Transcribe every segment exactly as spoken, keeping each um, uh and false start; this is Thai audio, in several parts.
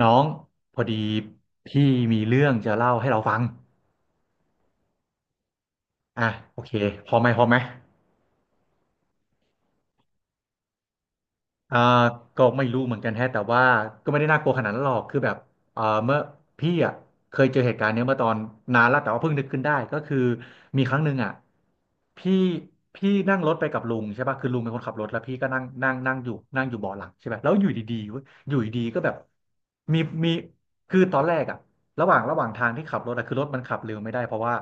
น้องพอดีพี่มีเรื่องจะเล่าให้เราฟังอ่ะโอเคพร้อมไหมพร้อมไหมอ่าก็ไม่รู้เหมือนกันแฮะแต่ว่าก็ไม่ได้น่ากลัวขนาดนั้นหรอกคือแบบเอ่อเมื่อพี่อ่ะเคยเจอเหตุการณ์เนี้ยเมื่อตอนนานแล้วแต่ว่าเพิ่งนึกขึ้นได้ก็คือมีครั้งหนึ่งอ่ะพี่พี่นั่งรถไปกับลุงใช่ป่ะคือลุงเป็นคนขับรถแล้วพี่ก็นั่งนั่งนั่งอยู่นั่งอยู่เบาะหลังใช่ไหมแล้วอยู่ดีๆเว้ยอยู่ดีๆก็แบบมีมีคือตอนแรกอ่ะระหว่างระหว่างทางที่ขับรถอะคือรถมันขับเร็วไม่ได้เพราะว่า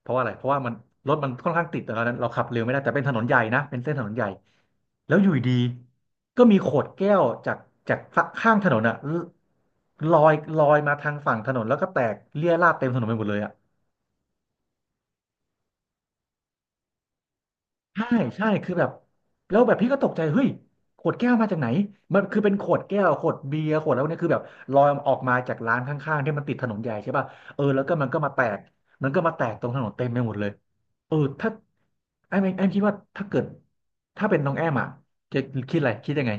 เพราะว่าอะไร เพราะว่ามันรถมันค่อนข้างติดแต่ตอนนั้นเราขับเร็วไม่ได้แต่เป็นถนนใหญ่นะ เป็นเส้นถนนใหญ่ แล้วอยู่ดีๆก็มีขวดแก้วจากจากข้างถนนอะลลอยลอยมาทางฝั่งถนนแล้วก็แตกเรี่ยราดเต็มถนนไปหมดเลยอะ ใช่ใช่คือแบบแล้วแบบพี่ก็ตกใจเฮ้ยขวดแก้วมาจากไหนมันคือเป็นขวดแก้วขวดเบียร์ขวดแล้วเนี่ยคือแบบลอยออกมาจากร้านข้างๆที่มันติดถนนใหญ่ใช่ป่ะเออแล้วก็มันก็มาแตกมันก็มาแตกตรงถนนเต็มไปหมดเลยเออถ้าไอ้แม่ไอ้คิดว่าถ้าเกิดถ้าเป็นน้องแอมอ่ะจะคิดอะไรคิดยังไง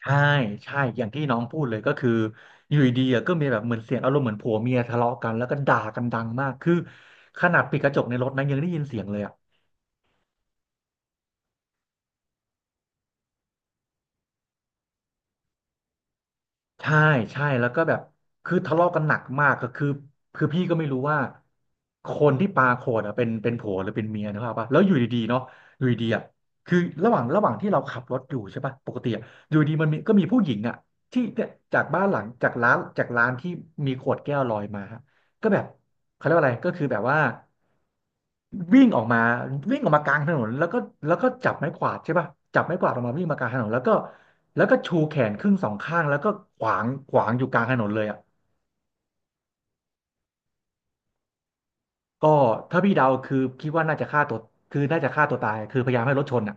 ใช่ใช่อย่างที่น้องพูดเลยก็คืออยู่ดีๆอะก็มีแบบเหมือนเสียงอารมณ์เหมือนผัวเมียทะเลาะกันแล้วก็ด่ากันดังมากคือขนาดปิดกระจกในรถนะยังได้ยินเสียงเลยอ่ะ ใช่ใช่แล้วก็แบบคือทะเลาะกันหนักมากก็คือคือพี่ก็ไม่รู้ว่าคนที่ปาขวดอะเป็นเป็นผัวหรือเป็นเมียนะครับปะแล้วอยู่ดีๆเนาะอยู่ดีๆอะคือระหว่างระหว่างที่เราขับรถอยู่ใช่ปะปกติอะอยู่ดีมันมีก็มีผู้หญิงอะที่เนี่ยจากบ้านหลังจากร้านจากร้านที่มีขวดแก้วลอยมา ก็แบบเขาเรียกว่าอะไรก็คือแบบว่าวิ่งออกมาวิ่งออกมากลางถนนแล้วก็แล้วก็จับไม้กวาดใช่ป่ะจับไม้กวาดออกมาวิ่งมากลางถนนแล้วก็แล้วก็ชูแขนครึ่งสองข้างแล้วก็ขวางขวางอยู่กลางถนนเลยอ่ะก็ถ้าพี่เดาคือคิดว่าน่าจะฆ่าตัวคือน่าจะฆ่าตัวตายคือพยายามให้รถชนอ่ะ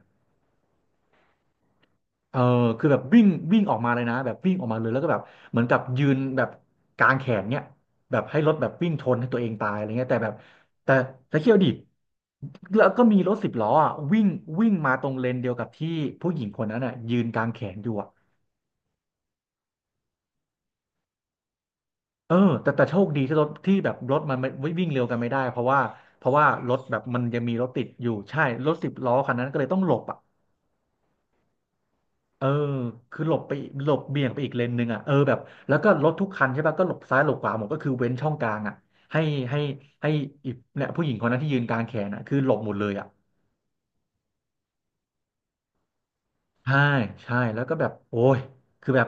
เออคือแบบวิ่งวิ่งออกมาเลยนะแบบวิ่งออกมาเลยแล้วก็แบบเหมือนกับยืนแบบกางแขนเนี่ยแบบให้รถแบบวิ่งชนให้ตัวเองตายอะไรเงี้ยแต่แบบแต่แต่เคี่ยวดิแล้วก็มีรถสิบล้ออ่ะวิ่งวิ่งมาตรงเลนเดียวกับที่ผู้หญิงคนนั้นอ่ะยืนกางแขนอยู่อ่ะเออแต่แต่โชคดีที่รถที่แบบรถมันไม่วิ่งเร็วกันไม่ได้เพราะว่าเพราะว่ารถแบบมันยังมีรถติดอยู่ใช่รถสิบล้อคันนั้นก็เลยต้องหลบอ่ะ เออคือหลบไปอีกหลบเบี่ยงไปอีกเลนหนึ่งอ่ะเออแบบแล้วก็รถทุกคันใช่ป่ะก็หลบซ้ายหลบขวาหมดก็คือเว้นช่องกลางอ่ะให้ให้ให้อีกเนี่ยผู้หญิงคนนั้นที่ยืนกลางแขนอ่ะคือหลบหมดเลยอ่ะใช่ใช่แล้วก็แบบโอ้ยคือแบบ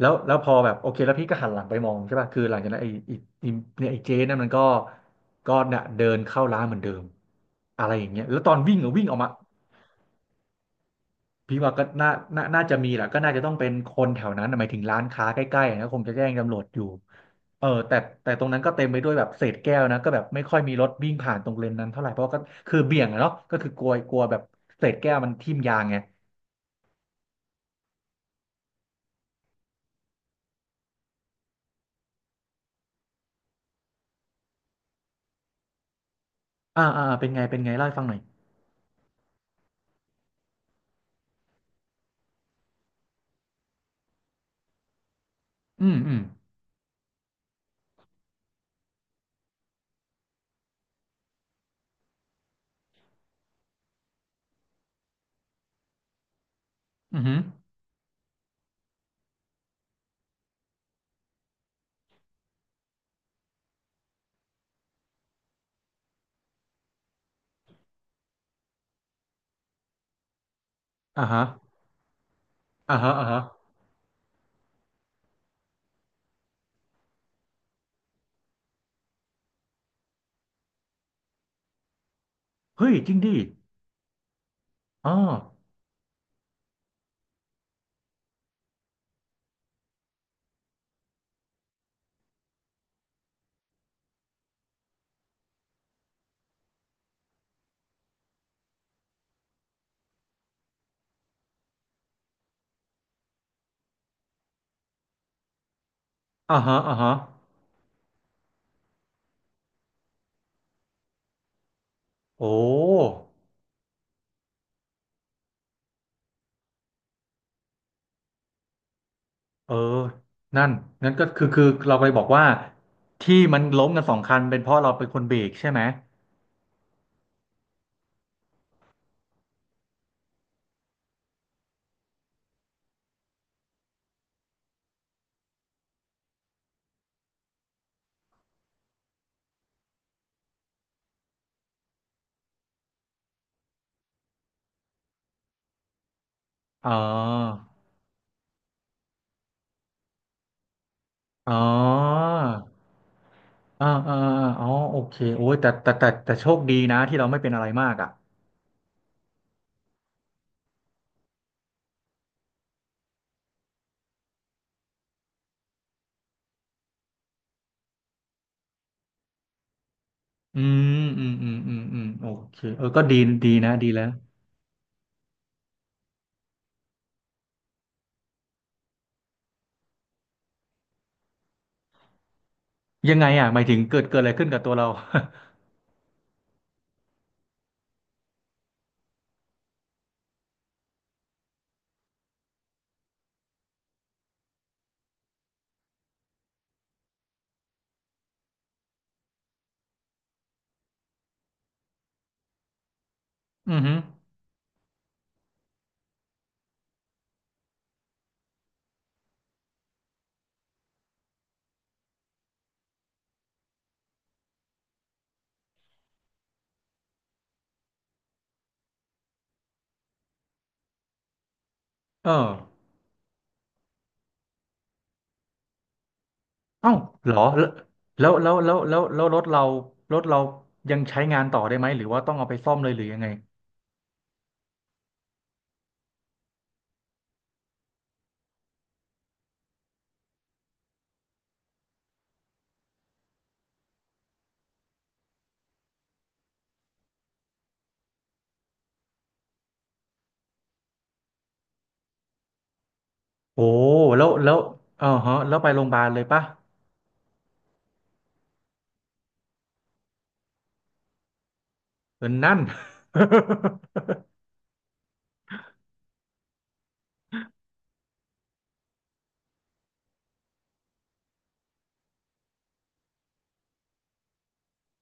แล้วแล้วพอแบบโอเคแล้วพี่ก็หันหลังไปมองใช่ป่ะคือหลังจากนั้นไอ้ไอ้ไอ้เนี่ยไอ้เจ๊นั่นมันก็ก็เนี่ยเดินเข้าร้านเหมือนเดิมอะไรอย่างเงี้ยแล้วตอนวิ่งอะวิ่งออกมาพี่ว่าก็น่าน่าน่าจะมีแหละก็น่าจะต้องเป็นคนแถวนั้นน่ะหมายถึงร้านค้าใกล้ๆนะคงจะแจ้งตำรวจอยู่ เออแต่แต่ตรงนั้นก็เต็มไปด้วยแบบเศษแก้วนะก็แบบไม่ค่อยมีรถวิ่งผ่านตรงเลนนั้นเท่าไหร่เพราะก็คือเบี่ยงอะเนาะก็คือกลัวกลัวแบบเศษแก้วมันทิ่มยางไงอ่าอ่าอ่าเป็นไงเป็นไงเล่าให้ฟังหน่อยอืมอืมอือหืออ่าฮะอ่าฮะอ่าฮะเฮ้ยจริงดิอ๋ออ่าฮะอ่าฮะโอ้เออนั่นงั้นก็คือคือเราไปบอกว่าที่มันล้มกันสองคันเป็นเพราะเราเป็นคนเบรกใช่ไหมอ๋ออ๋อ อ่าอ่าอ่าอ๋อโอเคโอ้ยแต่แต่แต่แต่โชคดีนะที่เราไม่เป็นอะไรมากอ่ะอืมอืมอืมอืมอืมโอเคเออก็ดีดีนะดีแล้วยังไงอ่ะหมายถึงเกิดเกิดอะไรขึ้นกับตัวเรา อือฮึเออเอ้าเหรอแล้วแล้วแล้วแล้วแล้วรถเรารถเรายังใช้งานต่อได้ไหมหรือว่าต้องเอาไปซ่อมเลยหรือยังไงโอ้แล้วแล้วเออฮะแล้วไปโรงพยาบาลเลยปะเออนั่น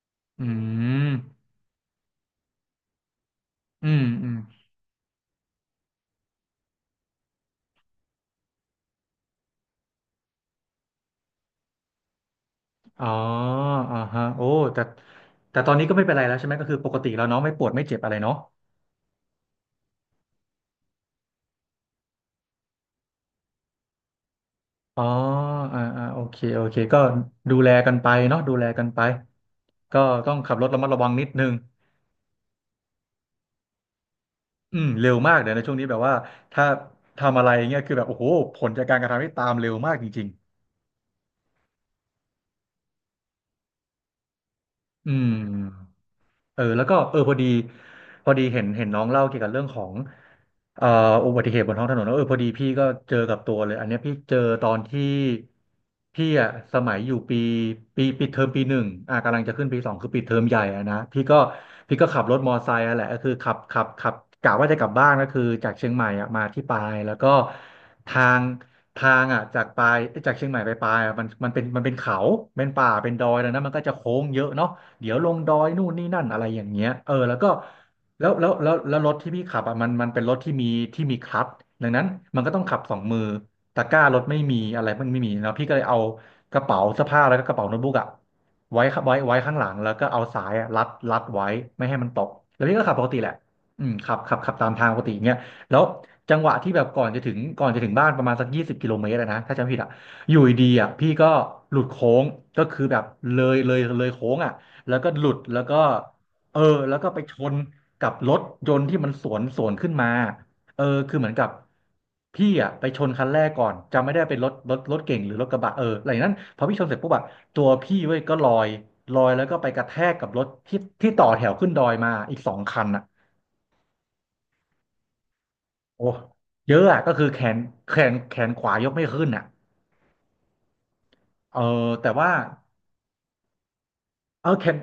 อืมอืมอืม อ๋ออ่าฮะโอ้แต่แต่ตอนนี้ก็ไม่เป็นไรแล้วใช่ไหม ก็คือปกติแล้วเนาะไม่ปวดไม่เจ็บอะไรเนาะอ๋ออ่าอ่าโอเคโอเค ก็ดูแลกันไปเนาะดูแลกันไปก็ต้องขับรถระมัดระวังนิดนึงอืมเร็วมากเดี๋ยวในช่วงนี้แบบว่าถ้าทำอะไรเงี้ยคือแบบโอ้โหผลจากการกระทำที่ตามเร็วมากจริงๆอืม เออแล้วก็เออพอดีพอดีเห็นเห็นน้องเล่าเกี่ยวกับเรื่องของเอ่ออุบัติเหตุบนท้องถนนแล้วเออพอดีพี่ก็เจอกับตัวเลยอันเนี้ยพี่เจอตอนที่พี่อ่ะสมัยอยู่ปีปีปีเทอมปีหนึ่งอ่ะกำลังจะขึ้นปีสองคือปีเทอมใหญ่อ่ะนะพี่ก็พี่ก็ขับรถมอไซค์อ่ะแหละก็คือขับขับขับกะว่าจะกลับบ้านก็คือจากเชียงใหม่อ่ะมาที่ปายแล้วก็ทางทางอ่ะจากปายจากเชียงใหม่ไปปายอ่ะมันมันเป็นมันเป็นเขาเป็นป่าเป็นดอยแล้วนะมันก็จะโค้งเยอะเนาะ เดี๋ยวลงดอยนู่นนี่นั่นอะไรอย่างเงี้ยเออแล้วก็แล้วแล้วแล้วแล้วรถที่พี่ขับอ่ะมันมันเป็นรถที่มีที่มีคลัตช์ดังนั้นมันก็ต้องขับสองมือตะกร้ารถไม่มีอะไรมันไม่มีเนาะพี่ก็เลยเอากระเป๋าเสื้อผ้าแล้วก็กระเป๋าโน้ตบุ๊กอ่ะไว้ไว้ไว้ข้างหลังแล้วก็เอาสายอะรัดรัดไว้ไม่ให้มันตกแล้วพี่ก็ขับปกติแหละอืมขับขับขับตามทางปกติอย่างเงี้ยแล้วจังหวะที่แบบก่อนจะถึงก่อนจะถึงบ้านประมาณสักยี่สิบกิโลเมตรอะนะถ้าจำไม่ผิดอ่ะอยู่ดีๆอ่ะพี่ก็หลุดโค้งก็คือแบบเลยเลยเลยโค้งอ่ะ แล้วก็หลุดแล้วก็เออแล้วก็ไปชนกับรถยนต์ที่มันสวนสวนขึ้นมาเออคือเหมือนกับพี่อ่ะไปชนคันแรกก่อนจำไม่ได้เป็นรถรถรถเก่งหรือรถกระบะเอออะไรอย่างนั้นพอพี่ชนเสร็จปุ๊บอะตัวพี่เว้ยก็ลอยลอยแล้วก็ไปกระแทกกับรถที่ที่ต่อแถวขึ้นดอยมาอีกสองคันอ่ะโอ้เยอะอะก็คือแขนแขนแขนขวายกไม่ขึ้นอ่ะเออแต่ว่า เอาแขน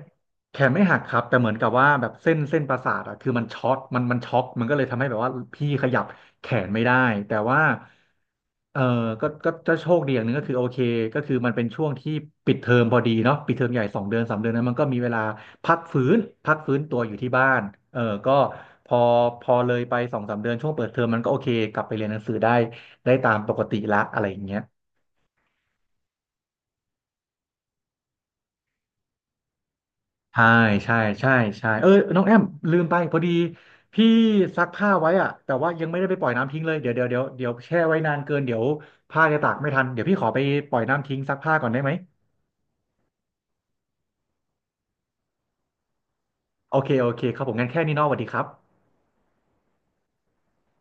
แขนไม่หักครับแต่เหมือนกับว่าแบบเส้นเส้นประสาทอะคือมันช็อตมันมันช็อกมันก็เลยทำให้แบบว่าพี่ขยับแขนไม่ได้แต่ว่าเออก็ก็ก็โชคดีอย่างหนึ่งก็คือโอเคก็คือมันเป็นช่วงที่ปิดเทอมพอดีเนาะปิดเทอมใหญ่สองเดือนสามเดือนนั้นมันก็มีเวลาพักฟื้นพักฟื้นตัวอยู่ที่บ้านเออก็พอพอเลยไปสองสามเดือนช่วงเปิดเทอมมันก็โอเคกลับไปเรียนหนังสือได้ได้ตามปกติละอะไรอย่างเงี้ย ใช่ใช่ใช่ใช่เออน้องแอมลืมไปพอดีพี่ซักผ้าไว้อะแต่ว่ายังไม่ได้ไปปล่อยน้ำทิ้งเลยเดี๋ยวเดี๋ยวเดี๋ยวเดี๋ยวแช่ไว้นานเกินเดี๋ยวผ้าจะตากไม่ทันเดี๋ยวพี่ขอไปปล่อยน้ำทิ้งซักผ้าก่อนได้ไหมโอเคโอเคครับผมงั้นแค่นี้เนอะสวัสดีครับ